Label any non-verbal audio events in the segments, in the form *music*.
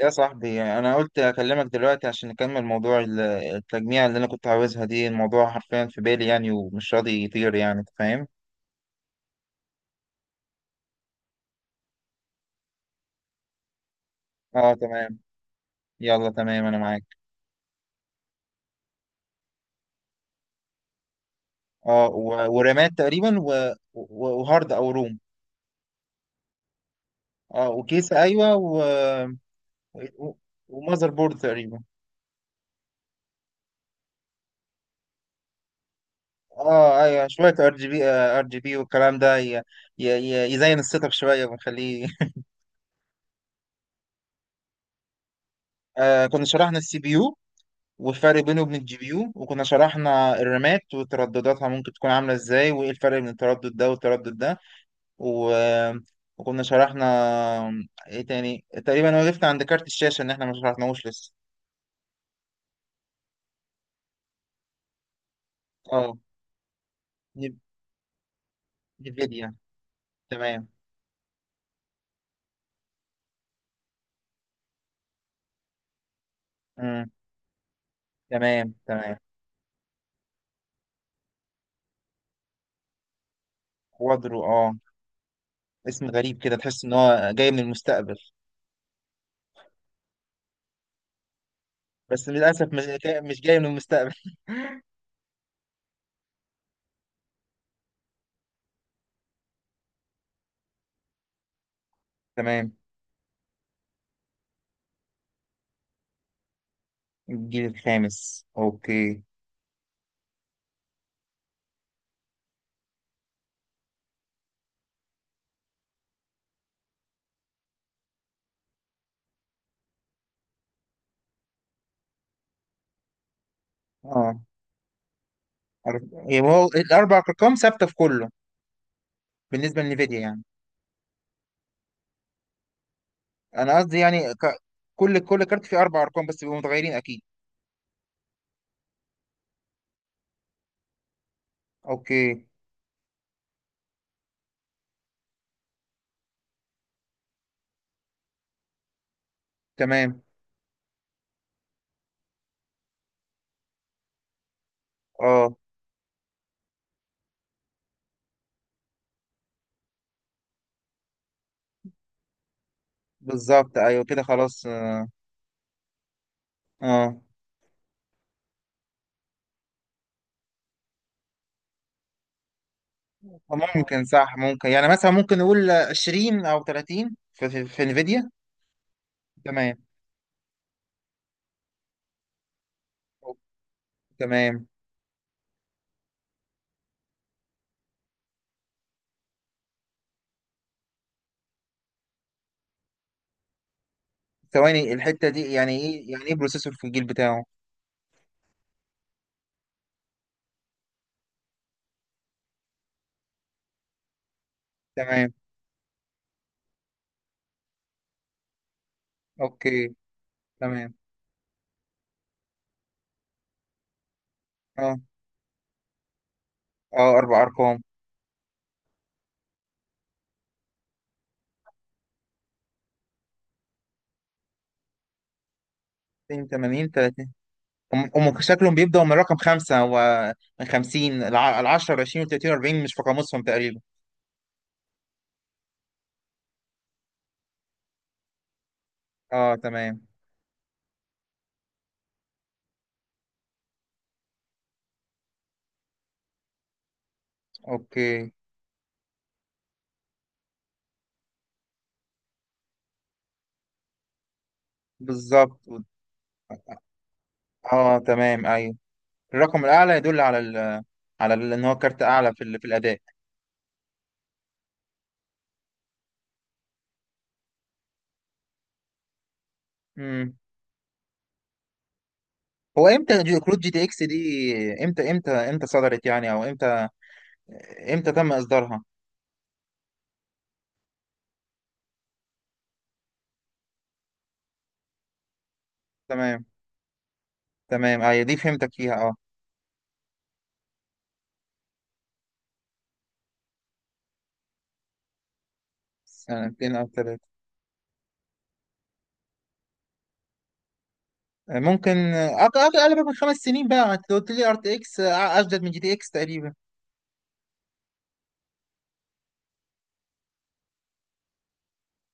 يا صاحبي، انا قلت اكلمك دلوقتي عشان نكمل موضوع التجميع اللي انا كنت عاوزها دي. الموضوع حرفيا في بالي، يعني ومش راضي يطير، يعني انت فاهم. اه، تمام. يلا تمام، انا معاك. اه، ورامات تقريبا وهارد او روم. اه، وكيسة. ايوه، و... ومذر بورد تقريبا. اه ايوه، شوية ار جي بي. ار جي بي والكلام ده يزين السيت اب شوية ونخليه *laughs* آه، كنا شرحنا السي بي يو والفرق بينه وبين الجي بي يو، وكنا شرحنا الرامات وتردداتها، ممكن تكون عاملة ازاي وايه الفرق بين التردد ده والتردد ده. و... وكنا شرحنا ايه تاني تقريبا. وقفت عند كارت الشاشة ان احنا ما شرحناهوش لسه. اه، نيف- نيفيديا. تمام. مم. تمام تمام. كوادرو، اه، اسم غريب كده، تحس ان هو جاي من المستقبل. بس للاسف، مش جاي من المستقبل *laughs* تمام. الجيل الخامس، اوكي. اه، أر- يبقى هو الاربع ارقام ثابته في كله؟ بالنسبه لنفيديا يعني. انا قصدي يعني كل كارت فيه اربع ارقام، بس بيبقوا متغيرين اكيد. اوكي. تمام، اه، بالظبط. ايوه كده خلاص، اه. آه. ممكن، صح، ممكن يعني مثلا ممكن نقول 20 او 30 في انفيديا. تمام. تمام. ثواني، الحته دي يعني ايه، يعني ايه بروسيسور في الجيل بتاعه؟ تمام. اوكي. تمام، اه اه اربع ارقام. 82 30، هم شكلهم بيبدأوا من رقم خمسة ومن خمسين. العشرة والعشرين والتلاتين والأربعين مش في قاموسهم تقريبا. اه، تمام. اوكي. بالظبط. اه تمام، ايوه. الرقم الأعلى يدل على إن هو كارت أعلى في في الأداء. امم هو امتى كروت جي تي اكس دي، امتى، امتى صدرت يعني؟ او امتى تم اصدارها؟ تمام تمام، ايوه، دي فهمتك فيها، اه. سنتين او ثلاثة؟ ممكن اقل من خمس سنين بقى. أنت قلت لي ار تي اكس اجدد من جي تي اكس تقريبا.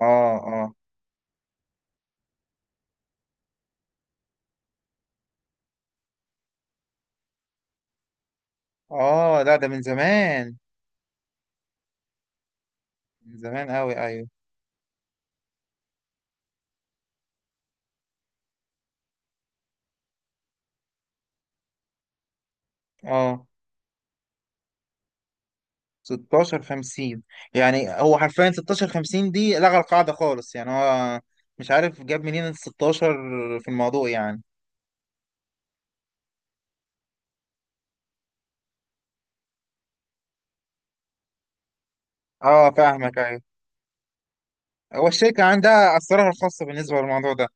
اه اه اه، لا ده من زمان. من زمان قوي، ايوه. اه، 16 50. يعني هو حرفيا 16 50 دي لغى القاعدة خالص، يعني هو مش عارف جاب منين ال 16 في الموضوع، يعني. اه، فاهمك، ايوه. هو الشركة عندها أسرارها الخاصة بالنسبة للموضوع ده.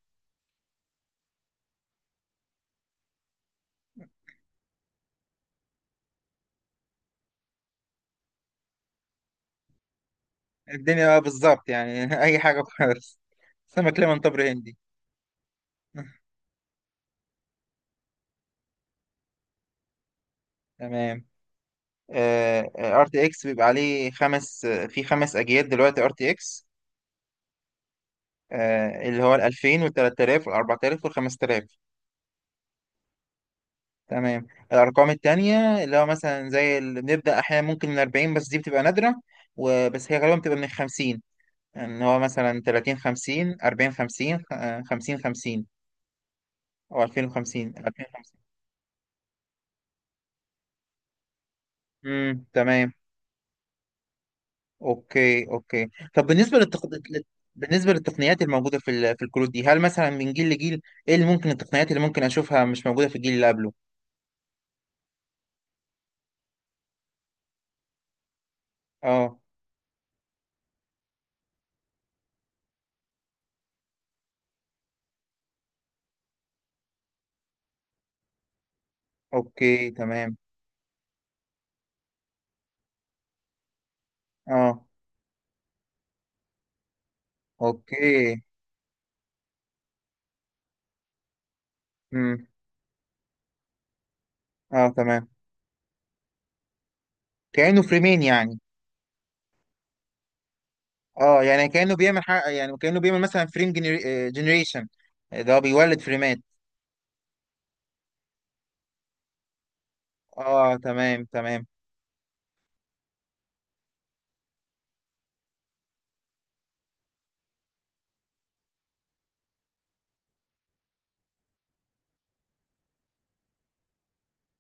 الدنيا بقى، بالظبط، يعني *laughs* أي حاجة خالص. سمك ليمون طبر هندي *laughs* تمام. ار تي اكس بيبقى عليه خمس، في خمس اجيال دلوقتي ار تي اكس. اللي هو ال 2000 وال 3000 وال 4000 وال 5000. تمام. الأرقام التانية اللي هو مثلا زي اللي بنبدأ أحيانا ممكن من 40، بس دي بتبقى نادرة، وبس هي غالبا بتبقى من 50. إن هو مثلا 30 50، 40 50، 50 50، أو 20 50، 2050. تمام. أوكي أوكي. طب بالنسبة بالنسبة للتقنيات الموجودة في في الكروت دي، هل مثلا من جيل لجيل إيه اللي ممكن، التقنيات اللي ممكن أشوفها مش موجودة في الجيل اللي قبله؟ أه. أوكي تمام. أه. اوكي. امم اه تمام. كأنه فريمين يعني. اه، يعني كأنه بيعمل حق، يعني كأنه بيعمل مثلا فريم جنريشن. ده هو بيولد فريمات. اه، تمام تمام.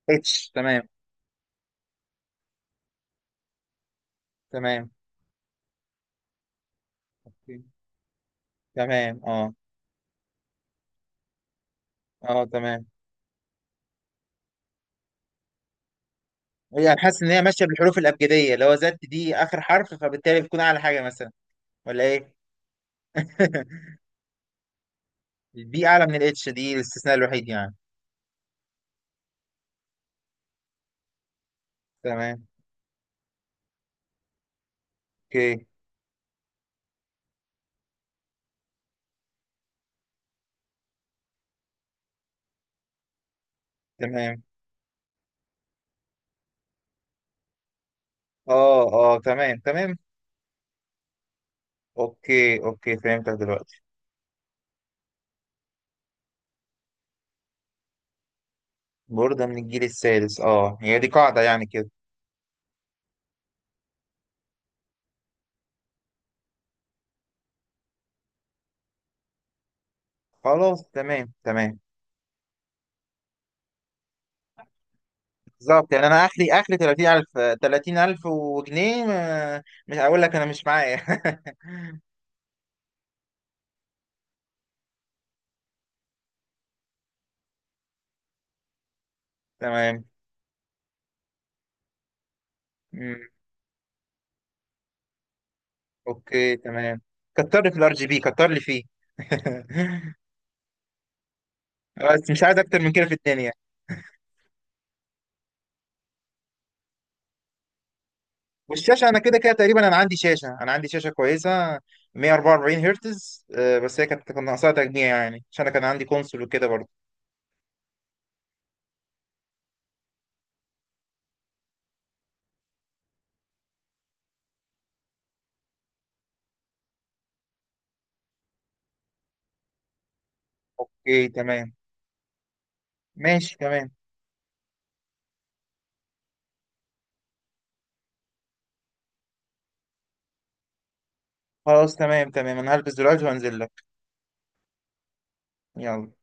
اتش، تمام. تمام تمام، اه تمام. يعني حاسس ان هي ماشيه بالحروف الابجديه، اللي هو زد دي اخر حرف، فبالتالي بتكون اعلى حاجه مثلا، ولا ايه؟ *laughs* دي اعلى من الاتش، دي الاستثناء الوحيد يعني. تمام. اوكي. تمام، اه تمام تمام. اوكي اوكي، فهمتك دلوقتي. بوردة من الجيل السادس، اه، هي دي قاعدة يعني كده. خلاص تمام تمام. بالظبط، يعني انا اخري اخري 30,000. 30,000 وجنيه، مش هقول لك انا مش معايا *laughs* تمام. مم. اوكي تمام. كتر لي في الار جي بي، كتر لي فيه *laughs* بس مش عايز اكتر من كده في الدنيا. والشاشه انا كده كده تقريبا، انا عندي شاشه، انا عندي شاشه كويسه 144 هرتز. بس هي كان ناقصها تجميع يعني، عشان انا كان عندي كونسول وكده برضه. اوكي تمام. ماشي تمام. خلاص تمام تمام، انا هلبس دلوقتي وانزل لك. يلا.